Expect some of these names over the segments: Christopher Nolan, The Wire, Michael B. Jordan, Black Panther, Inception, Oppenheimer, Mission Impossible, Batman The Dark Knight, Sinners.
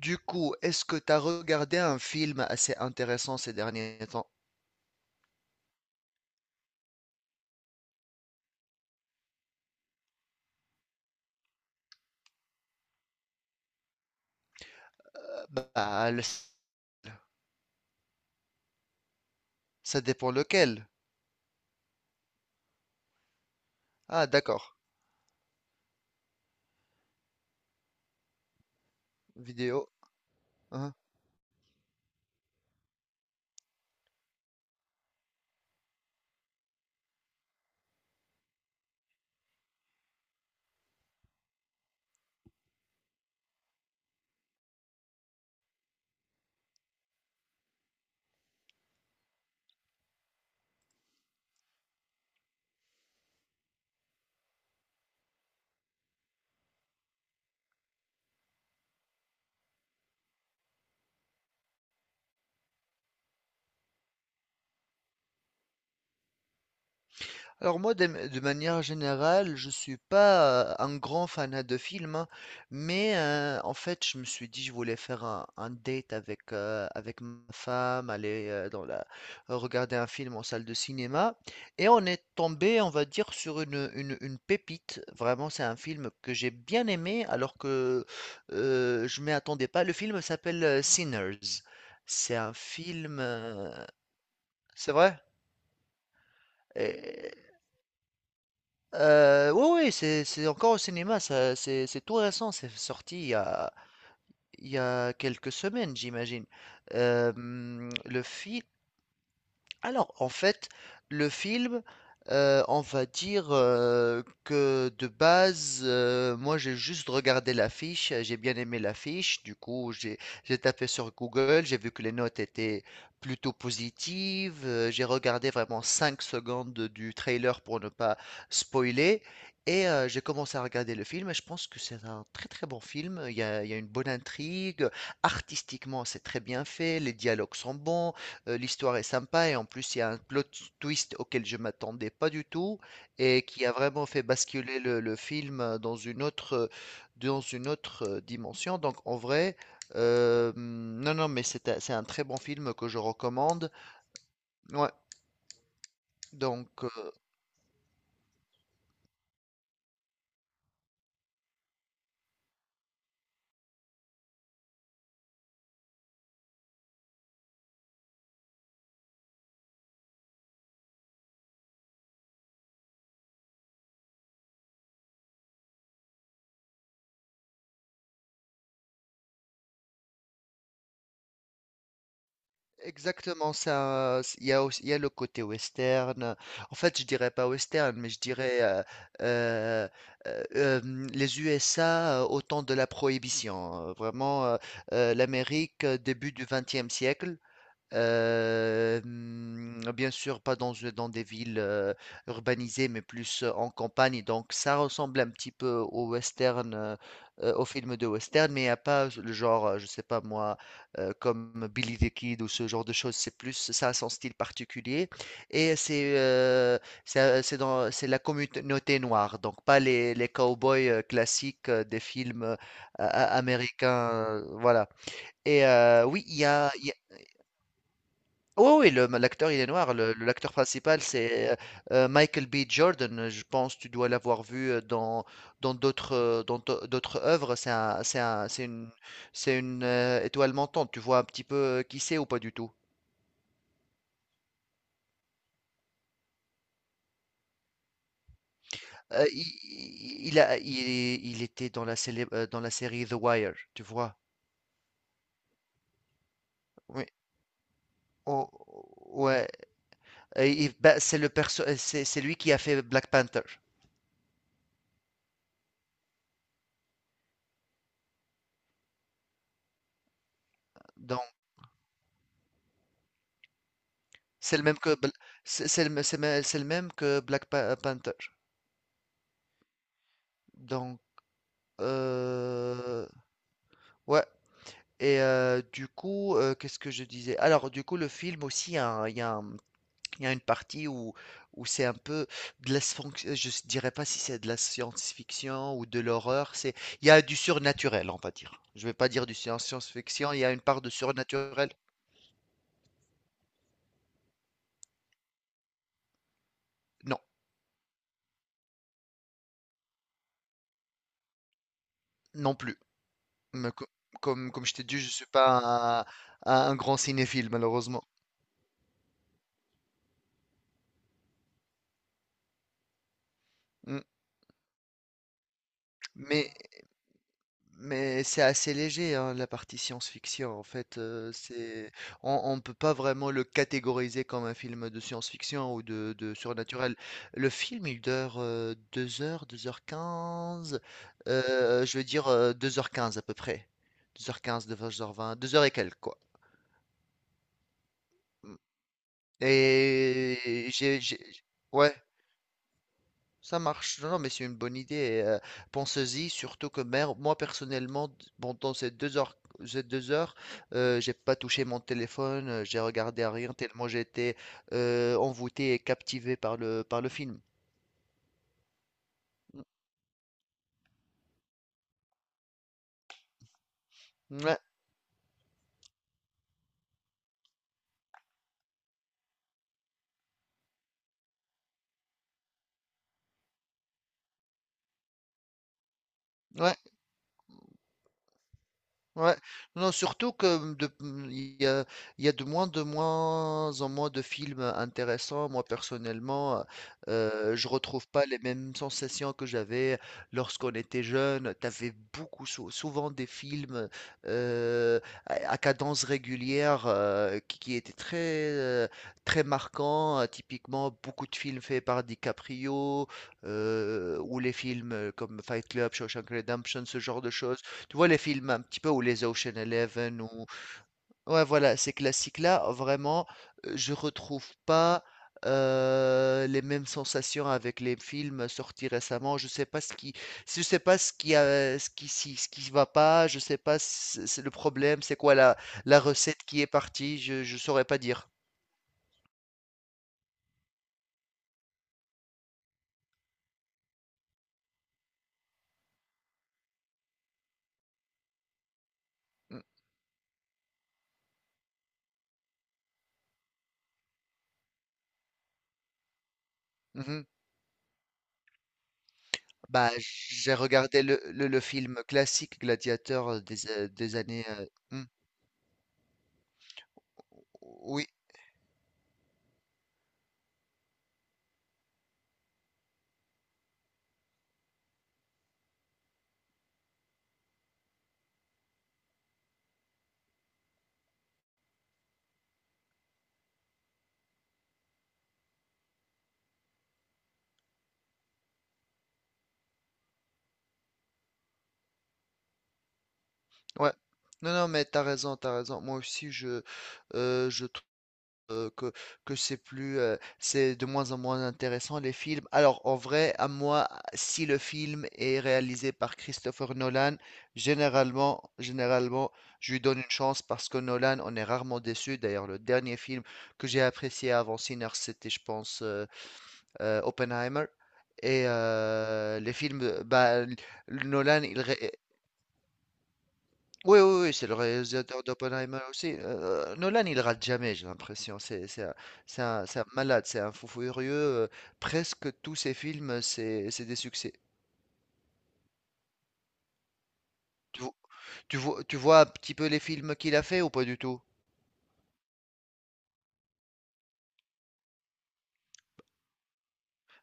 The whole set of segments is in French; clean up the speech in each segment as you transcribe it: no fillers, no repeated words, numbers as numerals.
Du coup, est-ce que tu as regardé un film assez intéressant ces derniers temps? Euh, Bah, le- Ça dépend lequel. Ah, d'accord. Vidéo. Hein. Alors moi, de manière générale, je suis pas un grand fanat de films, hein, mais en fait, je me suis dit, je voulais faire un date avec, avec ma femme, aller dans la, regarder un film en salle de cinéma, et on est tombé, on va dire, sur une pépite. Vraiment, c'est un film que j'ai bien aimé, alors que je m'y attendais pas. Le film s'appelle Sinners. C'est un film, c'est vrai? Oui, ouais, c'est encore au cinéma, ça, c'est tout récent, c'est sorti il y a quelques semaines, j'imagine. Le film, alors, en fait, le film, on va dire que de base, moi j'ai juste regardé l'affiche, j'ai bien aimé l'affiche, du coup j'ai tapé sur Google, j'ai vu que les notes étaient plutôt positives, j'ai regardé vraiment 5 secondes du trailer pour ne pas spoiler, et j'ai commencé à regarder le film, et je pense que c'est un très très bon film, il y a une bonne intrigue, artistiquement c'est très bien fait, les dialogues sont bons. L'histoire est sympa et en plus il y a un plot twist auquel je m'attendais pas du tout et qui a vraiment fait basculer le film dans une autre dimension. Donc en vrai, non, non, mais c'est un très bon film que je recommande. Ouais, donc exactement ça. Il y a aussi, il y a le côté western. En fait, je dirais pas western, mais je dirais euh, les USA au temps de la Prohibition. Vraiment, l'Amérique début du XXe siècle. Mmh, bien sûr, pas dans dans des villes, urbanisées, mais plus, en campagne, donc ça ressemble un petit peu au western, aux films de western, mais il y a pas le genre, je sais pas moi, comme Billy the Kid ou ce genre de choses. C'est plus ça a son style particulier et c'est, ça c'est dans c'est la communauté noire, donc pas les cowboys boys classiques, des films, a a américains, voilà. Et oui, il y a oui, oui, il est noir. Le L'acteur principal, c'est, Michael B. Jordan. Je pense que tu dois l'avoir vu, dans d'autres, dans d'au d'autres œuvres. C'est une c'est une, étoile montante. Tu vois un petit peu, qui c'est ou pas du tout? I i il a il il était dans la célèbre, dans la série The Wire, tu vois? Oui. O Ouais. Et il bah, c'est le perso c'est lui qui a fait Black Panther. Donc c'est le même que bl c'est le mê c'est le même que Black Pa Panther. Donc, euh, ouais. Et du coup, qu'est-ce que je disais? Alors, du coup, le film aussi, il y a une partie où, où c'est un peu de la, dirais pas si c'est de la science-fiction ou de l'horreur. C'est, il y a du surnaturel, on va dire. Je vais pas dire du science-fiction. Il y a une part de surnaturel. Non, non plus. Mais co- Comme, comme je t'ai dit, je suis pas un grand cinéphile, malheureusement. Mm. Mais Mais c'est assez léger, hein, la partie science-fiction. En fait, c'est on peut pas vraiment le catégoriser comme un film de science-fiction ou de surnaturel. Le film, il dure 2 heures, deux heures quinze. Euh, je veux dire 2h15 à peu près. Deux heures quinze, deux heures vingt, deux heures et quelques, quoi. Mm. Et j'ai- ouais, ça marche. Non, non, mais c'est une bonne idée. Et, pensez-y, surtout que moi, personnellement, pendant ces deux heures, j'ai pas touché mon téléphone, j'ai regardé à rien tellement j'étais envoûté et captivé par par le film. Ouais, ouais. Ouais, non, surtout que il y a de moins en moins de films intéressants. Moi, personnellement, je retrouve pas les mêmes sensations que j'avais lorsqu'on était jeune. T'avais beaucoup, souvent des films euh, à cadence régulière qui étaient euh, très marquants. Typiquement, beaucoup de films faits par DiCaprio ou les films comme Fight Club, Shawshank Redemption, ce genre de choses, tu vois les films un petit peu, ou les Ocean Eleven ou ouais, voilà, ces classiques-là vraiment, je retrouve pas les mêmes sensations avec les films sortis récemment. Je sais pas ce qui, je sais pas ce qui a ce qui si- ce qui va pas, je sais pas, c'est le problème, c'est quoi la recette qui est partie, je saurais pas dire. Mm, mhm. Bah, j'ai regardé le film classique Gladiateur des années. Euh, hmm. Oui, ouais. Non, non, mais t'as raison, t'as raison. Moi aussi, je trouve euh, que, que c'est plus, c'est de moins en moins intéressant les films. Alors, en vrai, à moi, si le film est réalisé par Christopher Nolan, généralement, je lui donne une chance parce que Nolan, on est rarement déçu. D'ailleurs, le dernier film que j'ai apprécié avant Sinners, c'était, je pense, Oppenheimer. Et les films, bah, Nolan, oui, c'est le réalisateur d'Oppenheimer aussi. Nolan, il rate jamais, j'ai l'impression. C'est un malade, c'est un fou furieux. Euh, presque tous ses films, c'est des succès. Tu, vo- Tu vois, tu vois un petit peu les films qu'il a fait ou pas du tout?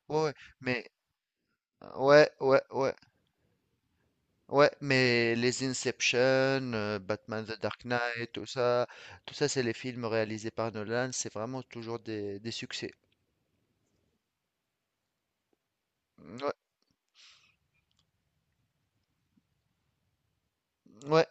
Ouais, ouais, mais ouais, ouais, ouais, ouais, mais les Inception, Batman The Dark Knight, tout ça, c'est les films réalisés par Nolan. C'est vraiment toujours des succès. Ouais. Ouais.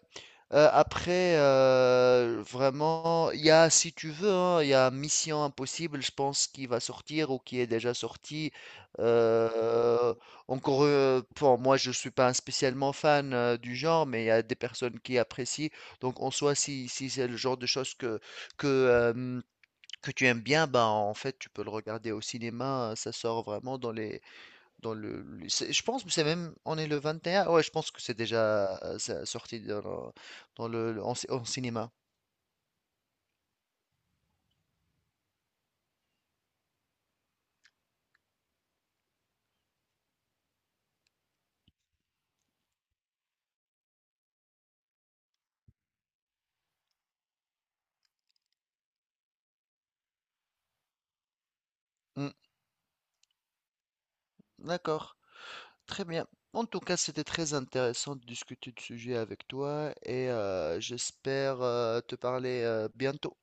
Après, vraiment, il y a, si tu veux, hein, il y a Mission Impossible, je pense, qui va sortir ou qui est déjà sorti. Euh, encore, bon, moi, je suis pas un spécialement fan du genre, mais il y a des personnes qui apprécient. Donc, en soi, si c'est le genre de choses que, euh, que tu aimes bien, ben, en fait, tu peux le regarder au cinéma. Hein, ça sort vraiment dans les, dans le- c'est- je pense que c'est même, on est le 21, ouais, je pense que c'est déjà sorti dans en cinéma. Hmm, d'accord, très bien. En tout cas, c'était très intéressant de discuter de ce sujet avec toi et j'espère te parler bientôt.